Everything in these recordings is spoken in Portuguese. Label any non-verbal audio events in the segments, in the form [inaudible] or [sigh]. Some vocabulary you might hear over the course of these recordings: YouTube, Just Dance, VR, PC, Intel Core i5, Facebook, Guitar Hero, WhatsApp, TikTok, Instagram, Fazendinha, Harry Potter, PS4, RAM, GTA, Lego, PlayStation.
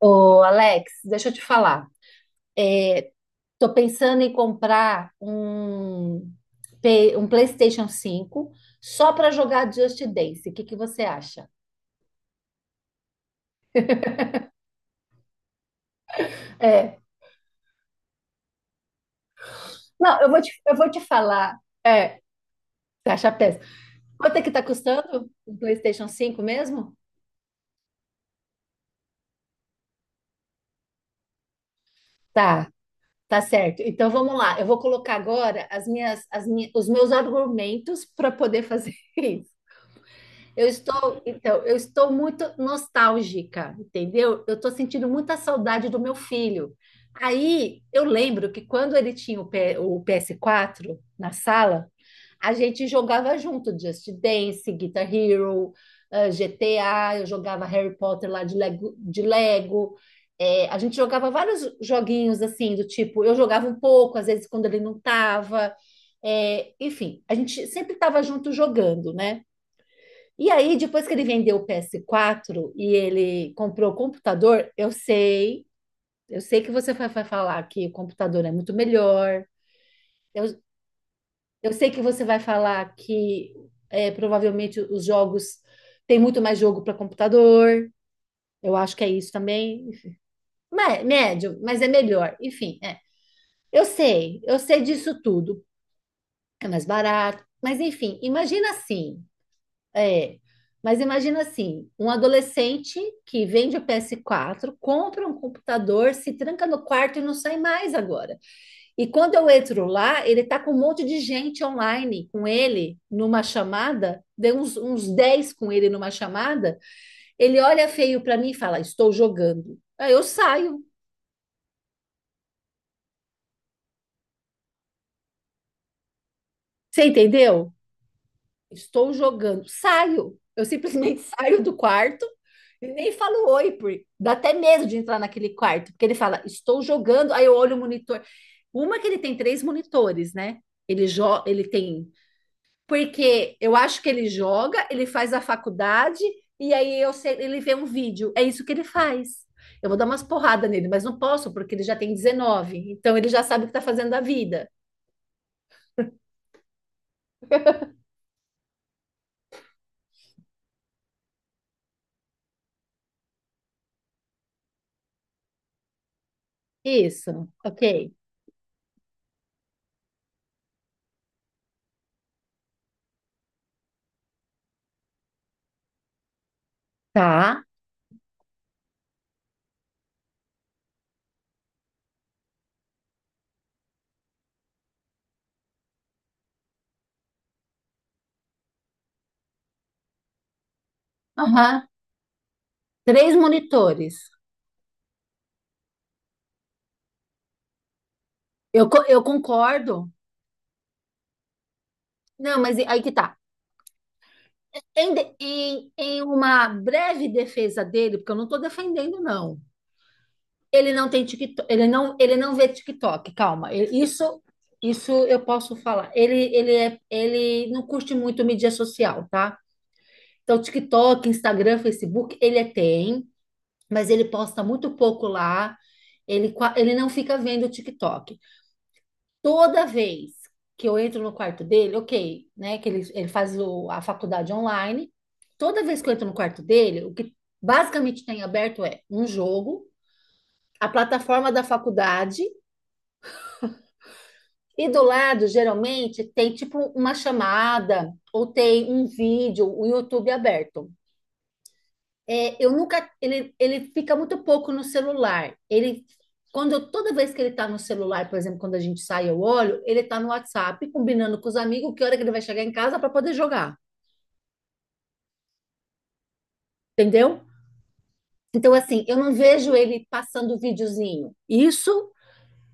Ô, Alex, deixa eu te falar. Tô pensando em comprar um PlayStation cinco só para jogar Just Dance. O que que você acha? É. Não, eu vou te falar. É, você acha péssimo. Quanto é que tá custando um PlayStation 5 mesmo? Tá, tá certo. Então vamos lá. Eu vou colocar agora os meus argumentos para poder fazer [laughs] isso. Então, eu estou muito nostálgica, entendeu? Eu estou sentindo muita saudade do meu filho. Aí eu lembro que quando ele tinha o PS4 na sala, a gente jogava junto Just Dance, Guitar Hero, GTA, eu jogava Harry Potter lá de Lego. A gente jogava vários joguinhos assim, do tipo, eu jogava um pouco, às vezes quando ele não estava. Enfim, a gente sempre estava junto jogando, né? E aí, depois que ele vendeu o PS4 e ele comprou o computador, eu sei que você vai falar que o computador é muito melhor. Eu, eu sei que você vai falar que provavelmente os jogos tem muito mais jogo para computador. Eu acho que é isso também. Mas, médio, mas é melhor. Enfim, é. Eu sei disso tudo. É mais barato. Mas enfim, imagina assim. É, mas imagina assim, um adolescente que vende o PS4, compra um computador, se tranca no quarto e não sai mais agora. E quando eu entro lá, ele tá com um monte de gente online com ele numa chamada, deu uns 10 com ele numa chamada, ele olha feio para mim e fala: "Estou jogando". Aí eu saio. Você entendeu? Estou jogando. Saio. Eu simplesmente [laughs] saio do quarto e nem falo oi, porque dá até medo de entrar naquele quarto, porque ele fala, estou jogando, aí eu olho o monitor. Uma que ele tem três monitores, né? Ele tem, porque eu acho que ele joga, ele faz a faculdade e aí ele vê um vídeo. É isso que ele faz. Eu vou dar umas porradas nele, mas não posso, porque ele já tem 19. Então ele já sabe o que está fazendo da vida. Isso, ok. Tá. Aham. Três monitores. Eu concordo. Não, mas aí que tá. Em uma breve defesa dele, porque eu não tô defendendo, não. Ele não tem TikTok, ele não vê TikTok, calma. Isso, eu posso falar. Ele não curte muito mídia social, tá? Então, TikTok, Instagram, Facebook, ele tem, mas ele posta muito pouco lá. Ele não fica vendo o TikTok. Toda vez que eu entro no quarto dele, ok, né? Que ele faz a faculdade online. Toda vez que eu entro no quarto dele, o que basicamente tem aberto é um jogo, a plataforma da faculdade, e do lado, geralmente, tem tipo uma chamada ou tem um vídeo, o YouTube aberto. É, eu nunca, ele fica muito pouco no celular. Toda vez que ele está no celular, por exemplo, quando a gente sai, eu olho, ele está no WhatsApp, combinando com os amigos que hora que ele vai chegar em casa para poder jogar, entendeu? Então, assim, eu não vejo ele passando videozinho. Isso,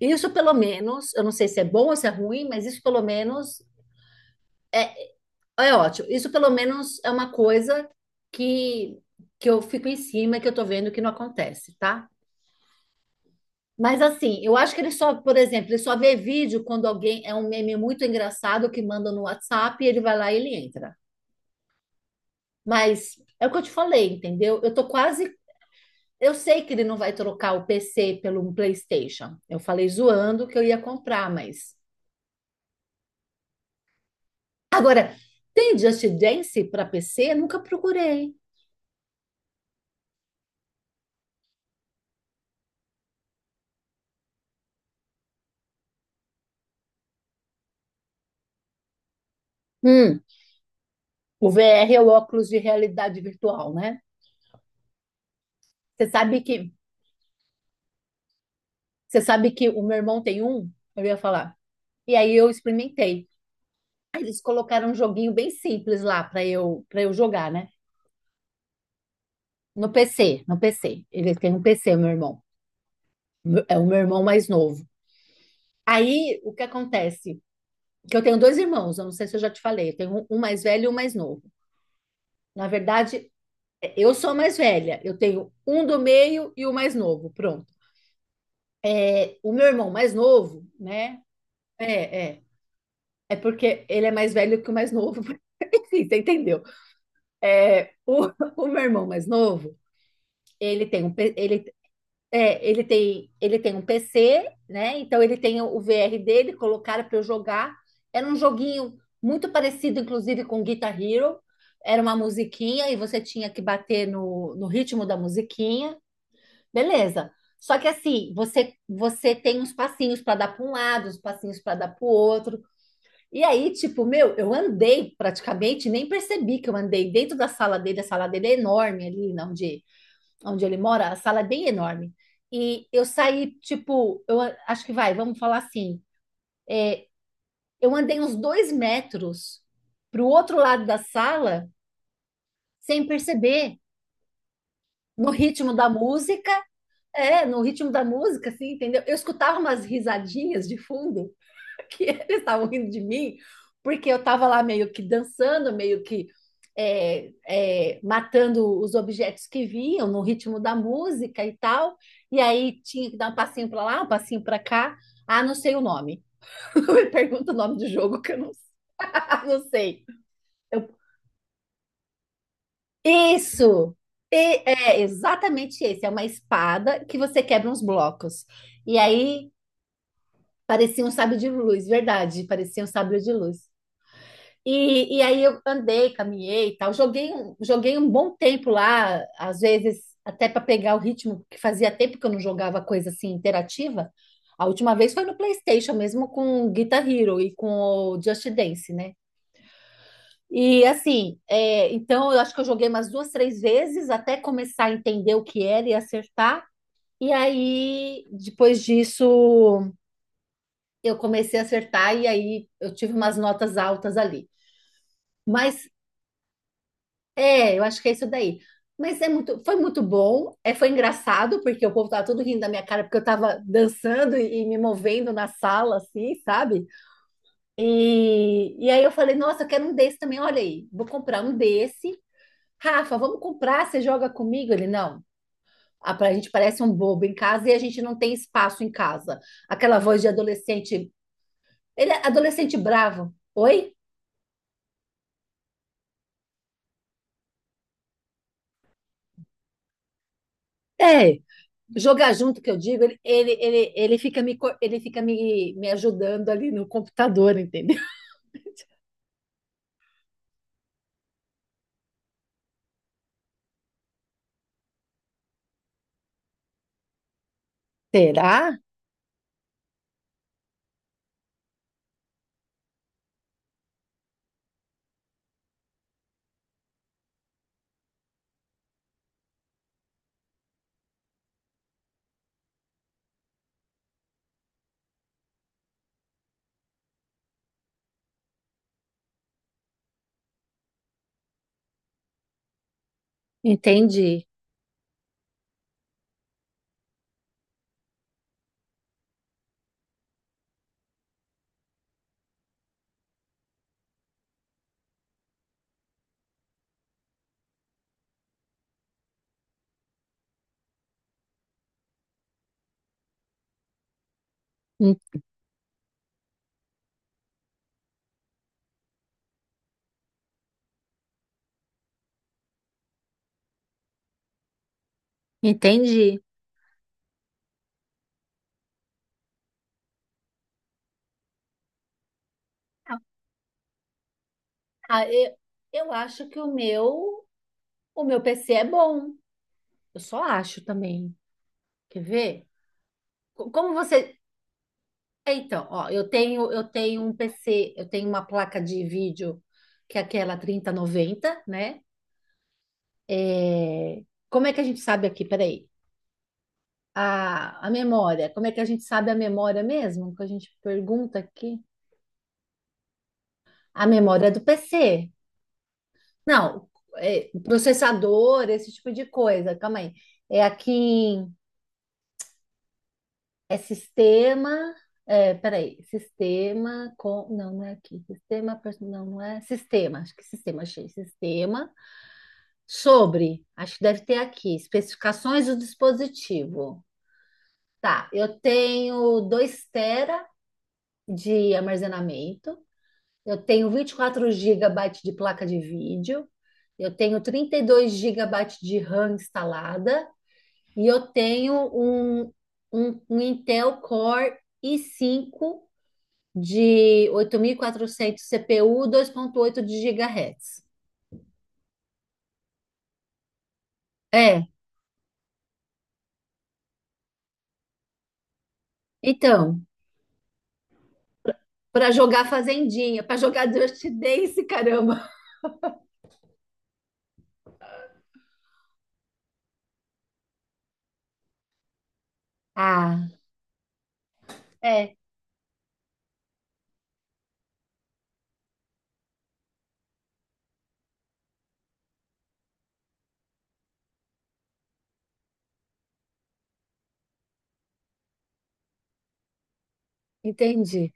isso pelo menos, eu não sei se é bom ou se é ruim, mas isso pelo menos é ótimo. Isso pelo menos é uma coisa que, que eu fico em cima, que eu tô vendo que não acontece, tá? Mas assim, eu acho que ele só, por exemplo, ele só vê vídeo quando alguém é um meme muito engraçado que manda no WhatsApp e ele vai lá e ele entra. Mas é o que eu te falei, entendeu? Eu tô quase, eu sei que ele não vai trocar o PC pelo PlayStation. Eu falei zoando que eu ia comprar, mas agora tem Just Dance para PC? Nunca procurei. Hum, o VR é o óculos de realidade virtual, né? Você sabe que, você sabe que o meu irmão tem um? Eu ia falar. E aí eu experimentei. Eles colocaram um joguinho bem simples lá para eu jogar, né? No PC. Ele tem um PC, meu irmão. É o meu irmão mais novo. Aí o que acontece? Que eu tenho dois irmãos, eu não sei se eu já te falei, eu tenho um mais velho e um mais novo. Na verdade, eu sou a mais velha, eu tenho um do meio e o mais novo, pronto. É, o meu irmão mais novo, né? É, é. É porque ele é mais velho que o mais novo, [laughs] enfim, você entendeu? É, [laughs] o meu irmão mais novo, ele tem um, P- ele É, ele tem um PC, né? Então ele tem o VR dele, colocaram para eu jogar. Era um joguinho muito parecido, inclusive, com Guitar Hero. Era uma musiquinha e você tinha que bater no ritmo da musiquinha. Beleza. Só que assim, você tem uns passinhos para dar para um lado, uns passinhos para dar para o outro. E aí, tipo, meu, eu andei praticamente, nem percebi que eu andei dentro da sala dele. A sala dele é enorme ali, não, de onde ele mora, a sala é bem enorme. E eu saí, tipo, acho que vamos falar assim. Eu andei uns 2 metros para o outro lado da sala sem perceber, no ritmo da música, assim, entendeu? Eu escutava umas risadinhas de fundo [laughs] que eles estavam rindo de mim, porque eu estava lá meio que dançando, meio que é, matando os objetos que vinham no ritmo da música e tal. E aí tinha que dar um passinho para lá, um passinho para cá. Ah, não sei o nome. [laughs] Me pergunta o nome do jogo que eu não, [laughs] não sei. Eu, isso! É exatamente esse. É uma espada que você quebra uns blocos. E aí parecia um sábio de luz, verdade, parecia um sábio de luz. E aí eu andei, caminhei e tal. Joguei um bom tempo lá, às vezes até para pegar o ritmo, que fazia tempo que eu não jogava coisa assim interativa. A última vez foi no PlayStation mesmo com o Guitar Hero e com o Just Dance, né? E assim, então eu acho que eu joguei umas duas, três vezes até começar a entender o que era e acertar. E aí, depois disso, eu comecei a acertar e aí eu tive umas notas altas ali. Mas eu acho que é isso daí. Mas é muito, foi muito bom, foi engraçado, porque o povo tava todo rindo da minha cara, porque eu tava dançando e me movendo na sala, assim, sabe? E aí eu falei, nossa, eu quero um desse também, olha aí, vou comprar um desse. Rafa, vamos comprar, você joga comigo? Ele, não, a gente parece um bobo em casa e a gente não tem espaço em casa. Aquela voz de adolescente, ele é adolescente bravo. Oi? É, jogar junto que eu digo, ele fica, me, co- ele fica me, me ajudando ali no computador, entendeu? [laughs] Será? Entendi. En- Entendi. Ah, eu acho que o meu PC é bom. Eu só acho também. Quer ver? Como você. Então, ó, eu tenho um PC, eu tenho uma placa de vídeo que é aquela 3090, né? É, como é que a gente sabe aqui? Peraí. A memória, como é que a gente sabe a memória mesmo? Que a gente pergunta aqui. A memória do PC. Não, processador, esse tipo de coisa. Calma aí. É aqui em, é sistema. É, peraí, sistema com. Não, não é aqui. Sistema. Não, não é. Sistema, acho que sistema, achei. Sistema. Sobre, acho que deve ter aqui. Especificações do dispositivo. Tá, eu tenho 2 tera de armazenamento. Eu tenho 24 gigabytes de placa de vídeo, eu tenho 32 gigabytes de RAM instalada e eu tenho um Intel Core i5 de 8400 CPU, 8 de GHz. É, então, para jogar Fazendinha, para jogar Just Dance, caramba. Ah, é, entendi.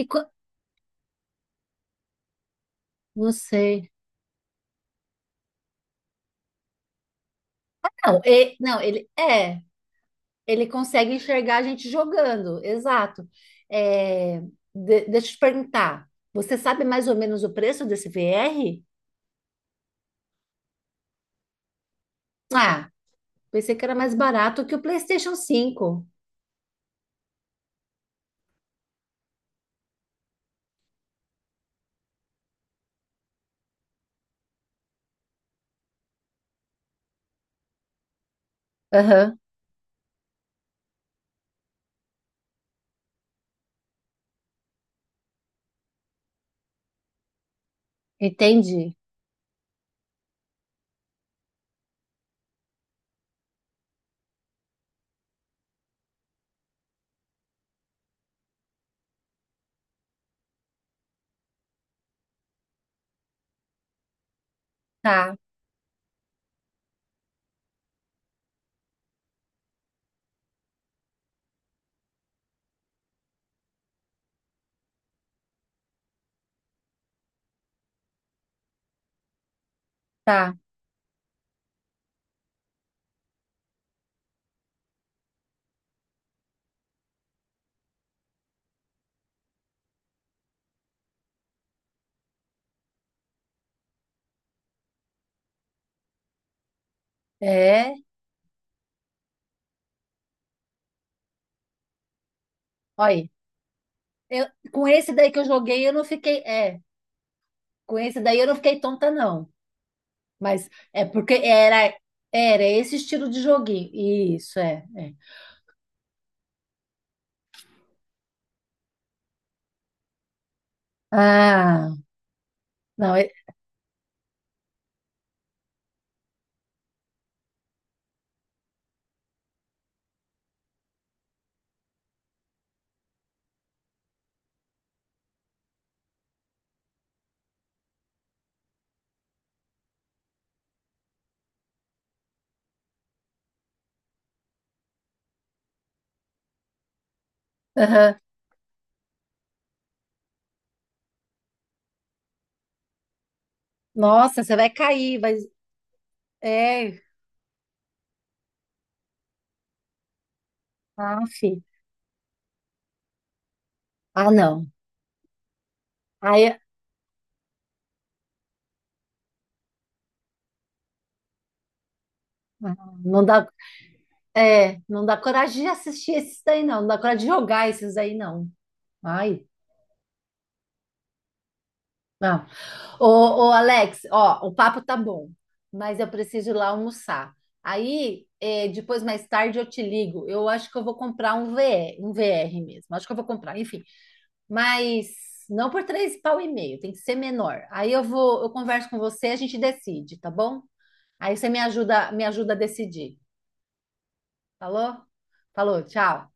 E não sei. Não, não, ele é. Ele consegue enxergar a gente jogando, exato. É, deixa eu te perguntar, você sabe mais ou menos o preço desse VR? Ah, pensei que era mais barato que o PlayStation 5. Aham, entendi. Tá, tá. É, olha, eu, com esse daí que eu joguei, eu não fiquei. É, com esse daí eu não fiquei tonta, não. Mas é porque era esse estilo de joguinho. Isso, é, é. Ah, não, é, aham. Nossa, você vai cair, vai, é, af. Ah, não. Aí, ah, não dá, não dá coragem de assistir esses daí, não. Não dá coragem de jogar esses aí, não. Ai, não. Ô, ô, Alex, ó, o papo tá bom, mas eu preciso ir lá almoçar. Aí, depois, mais tarde, eu te ligo. Eu acho que eu vou comprar um VR mesmo. Acho que eu vou comprar, enfim. Mas não por três pau e meio, tem que ser menor. Aí eu converso com você, a gente decide, tá bom? Aí você me ajuda a decidir. Falou? Falou, tchau.